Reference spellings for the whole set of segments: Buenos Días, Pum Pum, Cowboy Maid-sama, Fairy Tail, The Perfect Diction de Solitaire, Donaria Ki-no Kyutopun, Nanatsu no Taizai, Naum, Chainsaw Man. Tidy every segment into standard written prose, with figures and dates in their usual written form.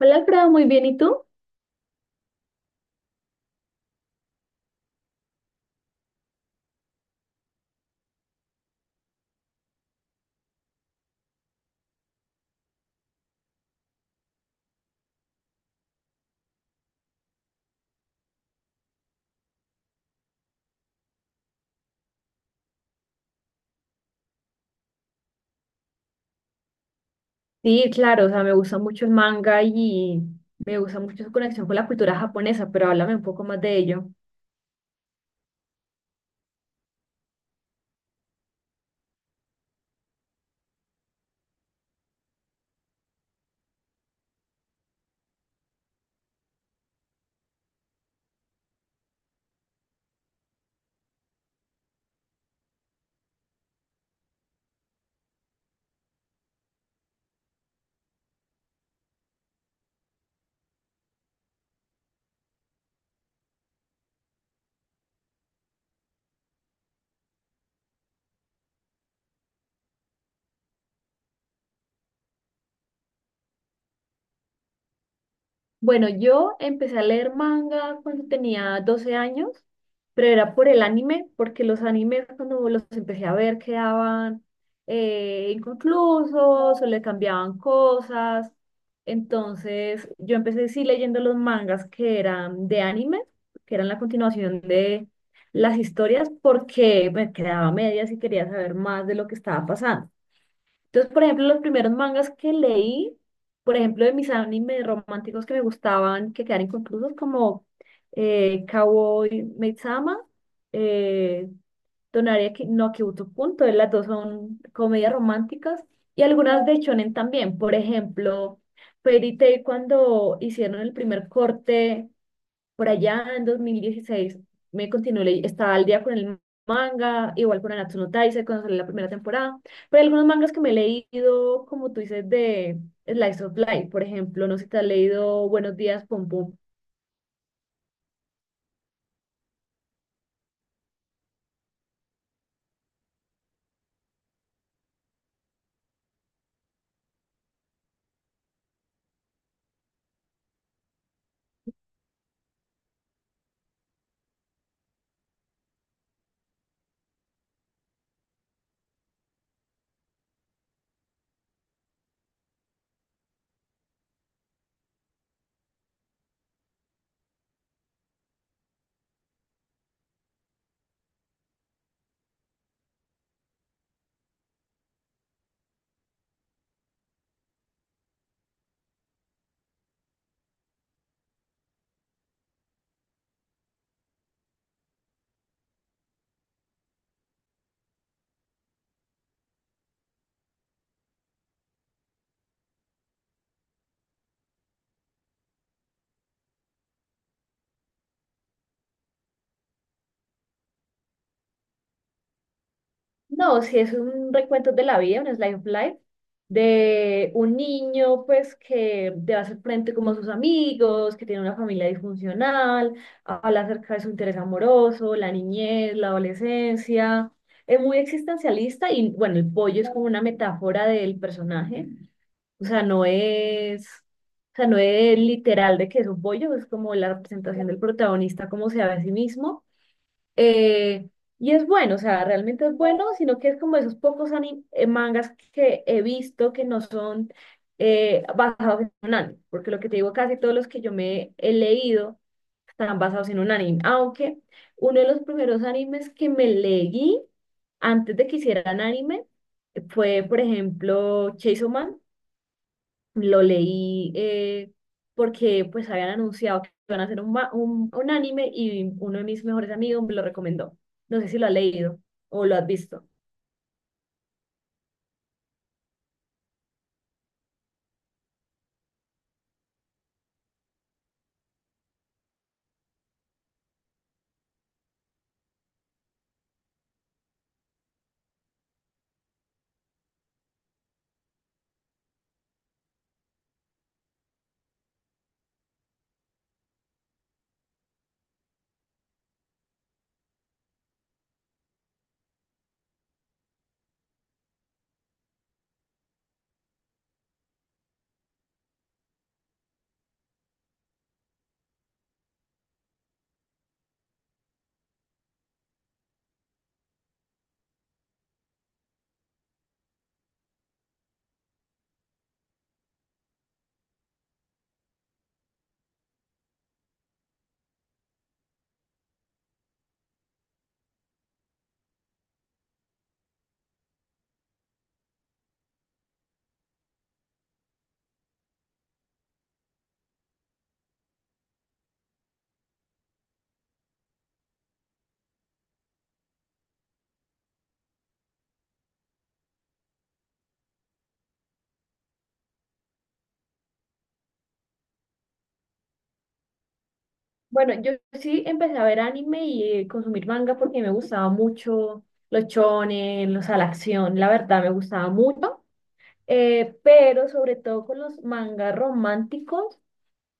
Hola, Alfredo, muy bien, ¿y tú? Sí, claro, o sea, me gusta mucho el manga y me gusta mucho su conexión con la cultura japonesa, pero háblame un poco más de ello. Bueno, yo empecé a leer manga cuando tenía 12 años, pero era por el anime, porque los animes cuando los empecé a ver quedaban inconclusos o le cambiaban cosas. Entonces yo empecé sí leyendo los mangas que eran de anime, que eran la continuación de las historias, porque me quedaba a medias y quería saber más de lo que estaba pasando. Entonces, por ejemplo, los primeros mangas que leí, por ejemplo, de mis animes románticos que me gustaban, que quedaron inconclusos, como Cowboy Maid-sama, eh, Donaria no Kyutopun. Entonces las dos son comedias románticas, y algunas de shonen también. Por ejemplo, Fairy Tail, cuando hicieron el primer corte por allá en 2016, me continué, estaba al día con el manga, igual con Nanatsu no Taizai, cuando salió la primera temporada. Pero hay algunos mangas que me he leído, como tú dices, de Slice of Life. Por ejemplo, no sé si te has leído Buenos Días, Pum Pum. No, si es un recuento de la vida, un slice of life, de un niño, pues, que debe hacer frente como a sus amigos, que tiene una familia disfuncional, habla acerca de su interés amoroso, la niñez, la adolescencia. Es muy existencialista y, bueno, el pollo es como una metáfora del personaje. O sea, no es literal de que es un pollo, es como la representación del protagonista, como se ve a sí mismo, eh, y es bueno, o sea, realmente es bueno, sino que es como esos pocos mangas que he visto que no son basados en un anime. Porque lo que te digo, casi todos los que yo me he leído están basados en un anime, aunque uno de los primeros animes que me leí antes de que hicieran anime fue, por ejemplo, Chainsaw Man. Lo leí porque pues habían anunciado que iban a hacer un anime, y uno de mis mejores amigos me lo recomendó. No sé si lo has leído o lo has visto. Bueno, yo sí empecé a ver anime y consumir manga porque me gustaba mucho los shonen, los a la acción, la verdad me gustaba mucho. Pero sobre todo con los mangas románticos,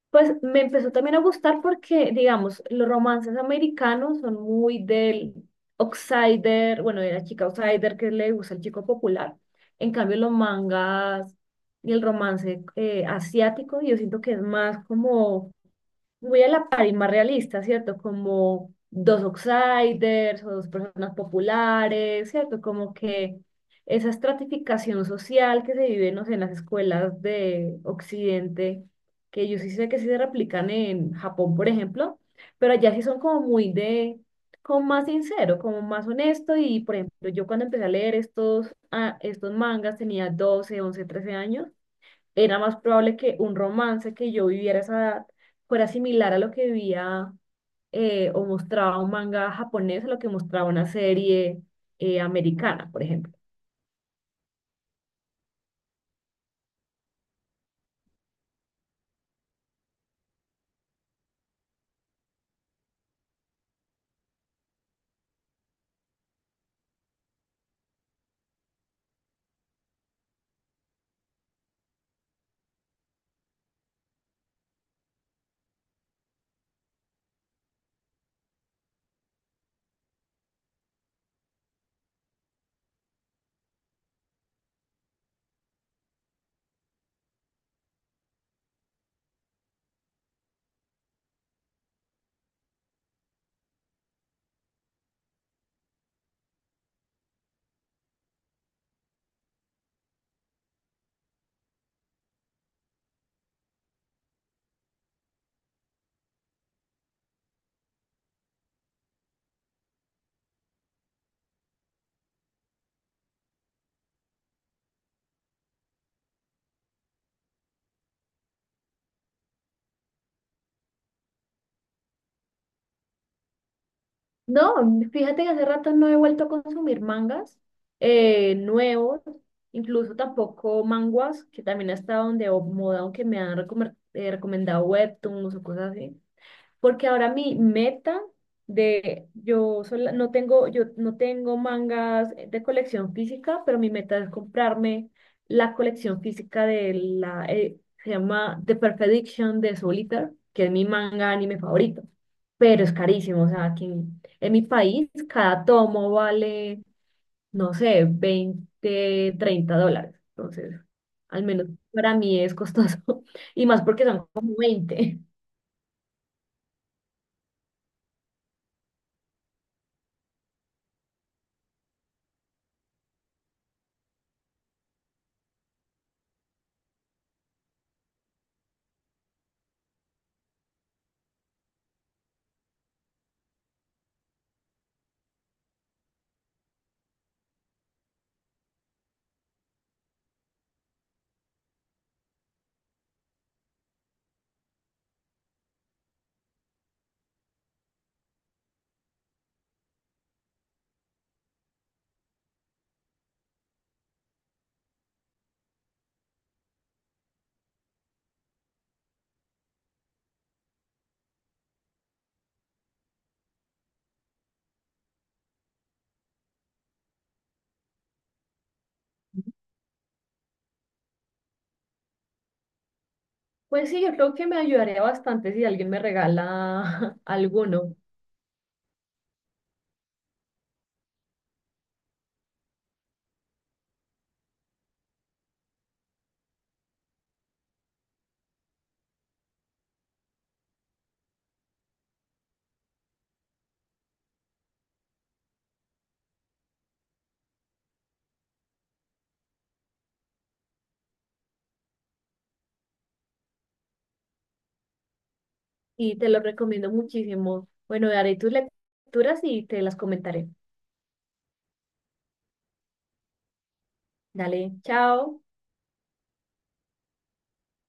pues me empezó también a gustar porque, digamos, los romances americanos son muy del outsider, bueno, de la chica outsider que le gusta el chico popular. En cambio, los mangas y el romance asiático, yo siento que es más como muy a la par y más realista, ¿cierto? Como dos outsiders o dos personas populares, ¿cierto? Como que esa estratificación social que se vive, no sé, en las escuelas de Occidente, que yo sí sé que sí se replican en Japón, por ejemplo, pero allá sí son como muy de, como más sincero, como más honesto y, por ejemplo, yo cuando empecé a leer estos mangas tenía 12, 11, 13 años. Era más probable que un romance que yo viviera a esa edad fuera similar a lo que vivía o mostraba un manga japonés, a lo que mostraba una serie americana, por ejemplo. No, fíjate que hace rato no he vuelto a consumir mangas nuevos, incluso tampoco manguas, que también ha estado de moda, aunque me han recomendado webtoons o cosas así. Porque ahora mi meta de yo sola- no tengo yo no tengo mangas de colección física, pero mi meta es comprarme la colección física de la, se llama The Perfect Diction de Solitaire, que es mi manga anime favorito. Pero es carísimo, o sea, aquí en mi país cada tomo vale, no sé, 20 30 dólares, entonces al menos para mí es costoso y más porque son como 20. Pues sí, yo creo que me ayudaría bastante si alguien me regala alguno. Y te lo recomiendo muchísimo. Bueno, haré tus lecturas y te las comentaré. Dale, chao.